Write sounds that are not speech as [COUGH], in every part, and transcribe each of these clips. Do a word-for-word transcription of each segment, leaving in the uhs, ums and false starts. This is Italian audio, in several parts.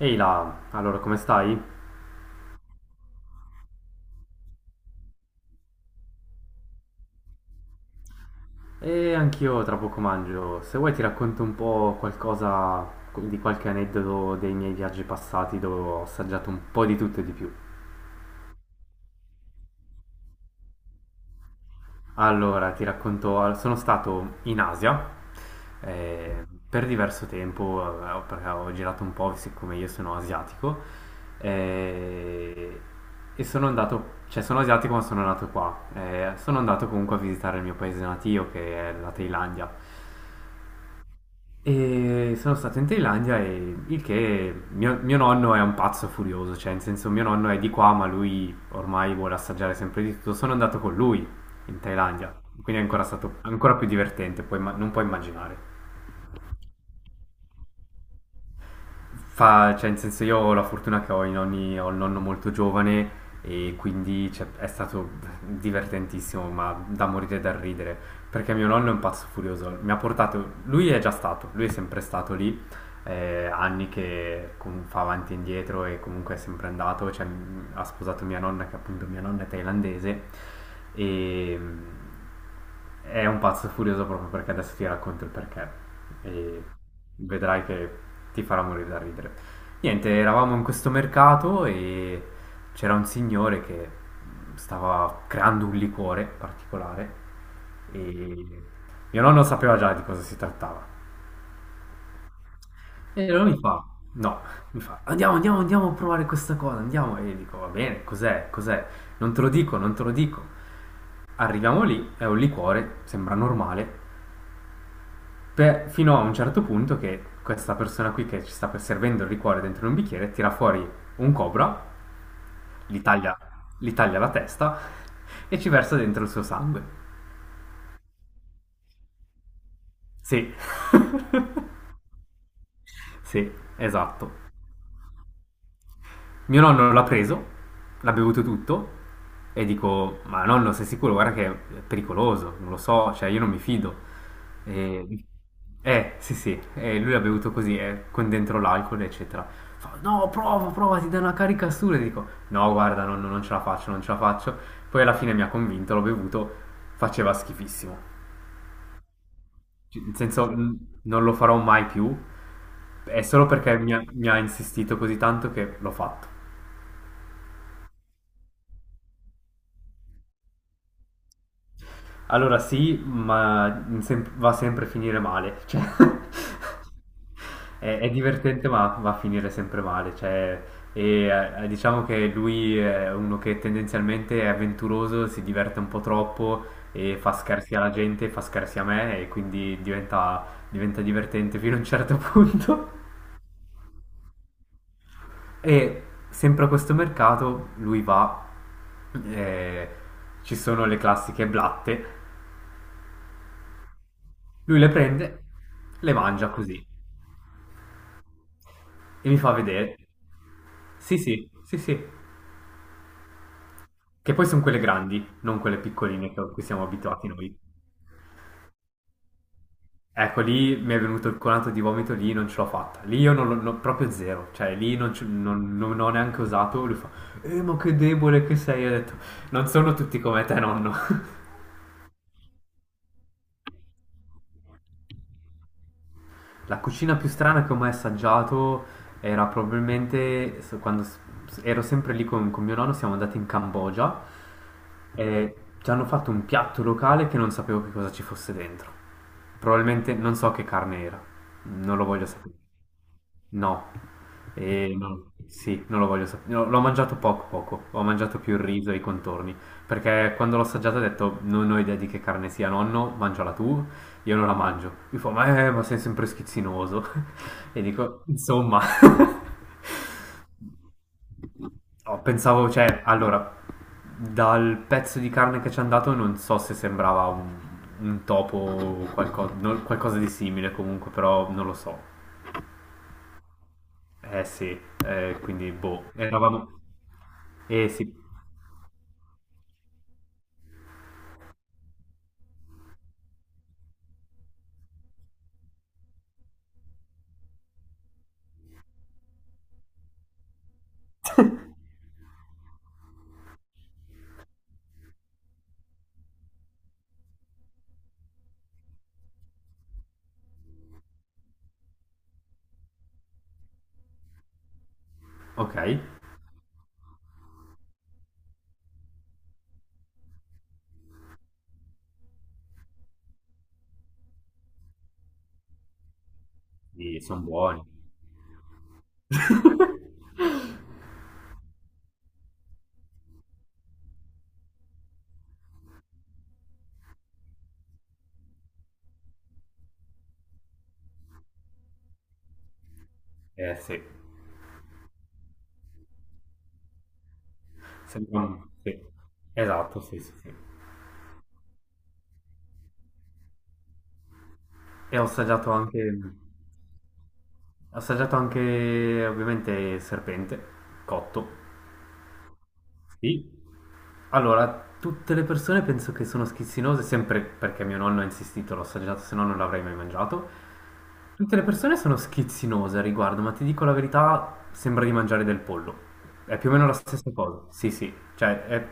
Ehi là, allora come stai? E anch'io tra poco mangio. Se vuoi ti racconto un po' qualcosa di qualche aneddoto dei miei viaggi passati dove ho assaggiato un po' di tutto e di più. Allora, ti racconto, sono stato in Asia eh, per diverso tempo, eh, perché ho girato un po', siccome io sono asiatico, eh, e sono andato, cioè sono asiatico ma sono nato qua. Eh, sono andato comunque a visitare il mio paese natio che è la Thailandia. E sono stato in Thailandia e il che mio, mio nonno è un pazzo furioso, cioè in senso mio nonno è di qua ma lui ormai vuole assaggiare sempre di tutto. Sono andato con lui in Thailandia, quindi è ancora stato ancora più divertente, puoi imma- non puoi immaginare. Fa, cioè, in senso io ho la fortuna che ho i nonni, ho il nonno molto giovane e quindi cioè, è stato divertentissimo, ma da morire e da ridere, perché mio nonno è un pazzo furioso, mi ha portato, lui è già stato, lui è sempre stato lì, eh, anni che com- fa avanti e indietro e comunque è sempre andato, cioè, m- ha sposato mia nonna, che appunto mia nonna è thailandese, e mm, è un pazzo furioso proprio perché adesso ti racconto il perché e vedrai che ti farà morire da ridere. Niente, eravamo in questo mercato e c'era un signore che stava creando un liquore particolare e mio nonno sapeva già di cosa si trattava. E allora mi fa, no, mi fa, andiamo, andiamo, andiamo a provare questa cosa, andiamo. E io dico, va bene, cos'è, cos'è? Non te lo dico, non te lo dico. Arriviamo lì, è un liquore, sembra normale, Per- fino a un certo punto che questa persona qui che ci sta servendo il liquore dentro un bicchiere tira fuori un cobra, gli taglia, gli taglia la testa e ci versa dentro il suo sangue. Sì, [LAUGHS] sì, esatto. Mio nonno l'ha preso, l'ha bevuto tutto e dico, ma nonno sei sicuro? Guarda che è pericoloso, non lo so, cioè io non mi fido. E, eh, sì, sì, e lui l'ha bevuto così, eh, con dentro l'alcol, eccetera. Fa, no, prova, prova, ti dà una carica assurda. E dico, no, guarda, non, non ce la faccio, non ce la faccio. Poi alla fine mi ha convinto, l'ho bevuto, faceva schifissimo. C- Nel senso, n- non lo farò mai più. È solo perché mi ha mi ha insistito così tanto che l'ho fatto. Allora sì, ma in sem- va sempre a finire male. Cioè, [LAUGHS] è, è divertente, ma va a finire sempre male. Cioè, e, eh, diciamo che lui è uno che tendenzialmente è avventuroso, si diverte un po' troppo e fa scherzi alla gente, fa scherzi a me, e quindi diventa, diventa divertente fino a un certo [LAUGHS] punto. E sempre a questo mercato lui va, eh, ci sono le classiche blatte. Lui le prende, le mangia così e mi fa vedere. Sì, sì, sì, sì. Che poi sono quelle grandi, non quelle piccoline che- a cui siamo abituati noi. Ecco, lì mi è venuto il colato di vomito, lì non ce l'ho fatta. Lì io non l'ho non- proprio zero, cioè lì non, ci- non- non- non ho neanche usato. Lui fa, eh, ma che debole che sei. Io ho detto, non sono tutti come te, nonno. [LAUGHS] La cucina più strana che ho mai assaggiato era probabilmente s- quando s- s- ero sempre lì con, con mio nonno, siamo andati in Cambogia e ci hanno fatto un piatto locale che non sapevo che cosa ci fosse dentro. Probabilmente non so che carne era, non lo voglio sapere. No, e no, sì, non lo voglio sapere. No, l'ho mangiato poco poco, ho mangiato più il riso e i contorni, perché quando l'ho assaggiato ho detto non ho idea di che carne sia, nonno, mangiala tu, io non la mangio. Mi fa, ma, eh, ma sei sempre schizzinoso. [LAUGHS] E dico, insomma, [LAUGHS] Oh, pensavo, cioè, allora, dal pezzo di carne che ci hanno dato non so se sembrava un, un topo o qualco- no- qualcosa di simile comunque, però non lo so. Eh sì, eh, quindi boh, eravamo... Eh sì, ok, sono buoni. [LAUGHS] Eh sì, sembra un... sì. Esatto, sì, sì, sì. E ho assaggiato anche... Ho assaggiato anche ovviamente serpente, cotto. Sì. Allora, tutte le persone penso che sono schizzinose, sempre perché mio nonno ha insistito, l'ho assaggiato, se no non l'avrei mai mangiato. Tutte le persone sono schizzinose a riguardo, ma ti dico la verità, sembra di mangiare del pollo. È più o meno la stessa cosa. Sì, sì, cioè è-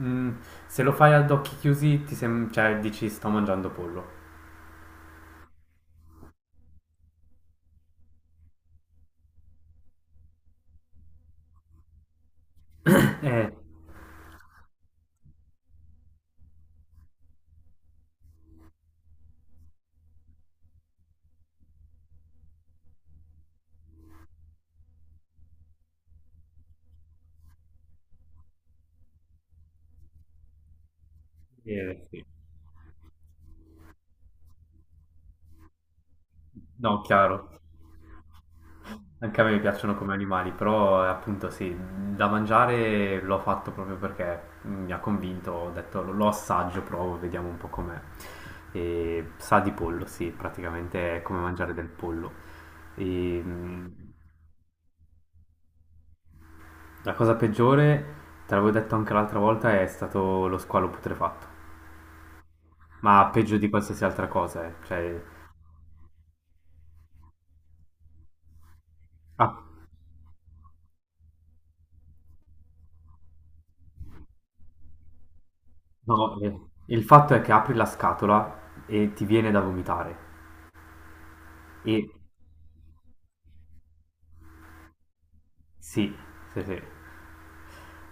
mm, se lo fai ad occhi chiusi ti sem- cioè, dici sto mangiando pollo. Eh, eh, sì. No, chiaro. Anche a me mi piacciono come animali, però eh, appunto sì, da mangiare l'ho fatto proprio perché mm, mi ha convinto, ho detto lo lo assaggio, provo, vediamo un po' com'è. E sa di pollo, sì, praticamente è come mangiare del pollo. E, mm, la cosa peggiore, te l'avevo detto anche l'altra volta, è stato lo squalo putrefatto, ma peggio di qualsiasi altra cosa, eh. Cioè, ah, no, eh, il fatto è che apri la scatola e ti viene da vomitare. E sì, sì, sì.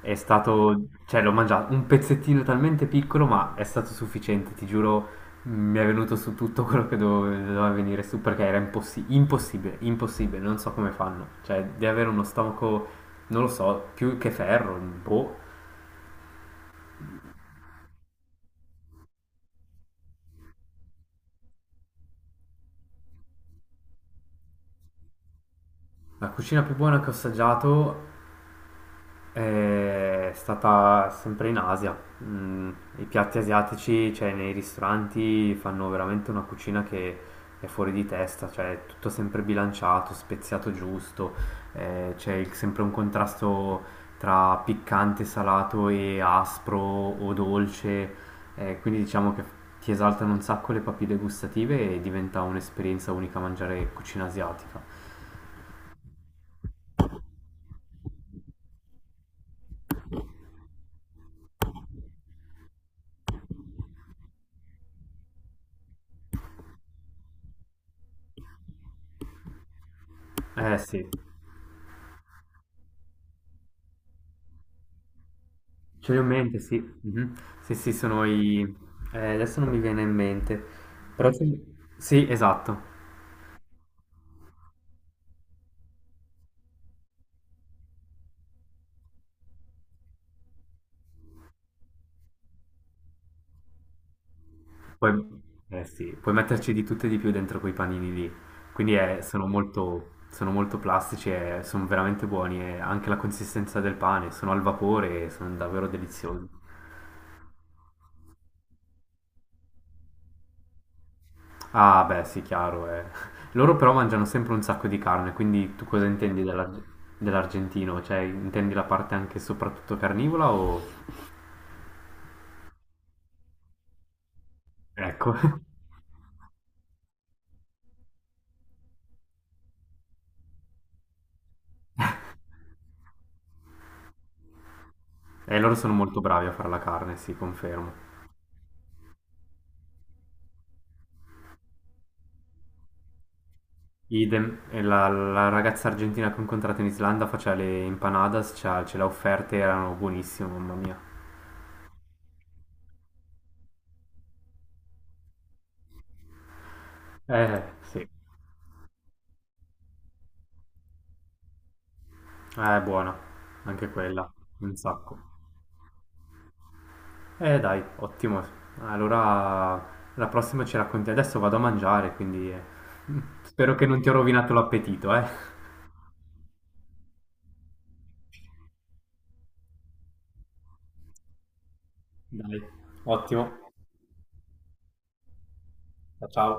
È stato, cioè l'ho mangiato un pezzettino talmente piccolo, ma è stato sufficiente, ti giuro, mi è venuto su tutto quello che dove- doveva venire su perché era impossi- impossibile, impossibile, non so come fanno. Cioè, di avere uno stomaco, non lo so, più che ferro, boh. La cucina più buona che ho assaggiato è stata sempre in Asia. Mm, I piatti asiatici, cioè nei ristoranti, fanno veramente una cucina che è fuori di testa, cioè è tutto sempre bilanciato, speziato giusto, eh, c'è il- sempre un contrasto tra piccante, salato e aspro o dolce, eh, quindi diciamo che ti esaltano un sacco le papille gustative e diventa un'esperienza unica mangiare cucina asiatica. Eh sì. Ce li ho in mente, sì. Mhm. Sì, sì, sono i... eh, adesso non mi viene in mente. Però ce li- sì, esatto. Puoi... eh, sì, puoi metterci di tutto e di più dentro quei panini lì. Quindi eh, sono molto... sono molto plastici e sono veramente buoni. E anche la consistenza del pane, sono al vapore e sono davvero deliziosi. Ah, beh, sì, chiaro, eh. Loro però mangiano sempre un sacco di carne, quindi tu cosa intendi dell'ar- dell'argentino? Cioè, intendi la parte anche soprattutto carnivora o... Ecco. [LAUGHS] E loro sono molto bravi a fare la carne, sì, confermo. Idem, e la, la ragazza argentina che ho incontrato in Islanda faceva le empanadas, cioè, ce l'ha offerte, erano buonissime, mamma mia. Eh, sì, eh, è buona, anche quella, un sacco. Eh, dai, ottimo. Allora, la prossima ci racconti. Adesso vado a mangiare, quindi eh, [LAUGHS] spero che non ti ho rovinato l'appetito, eh. Dai, ottimo. Ciao.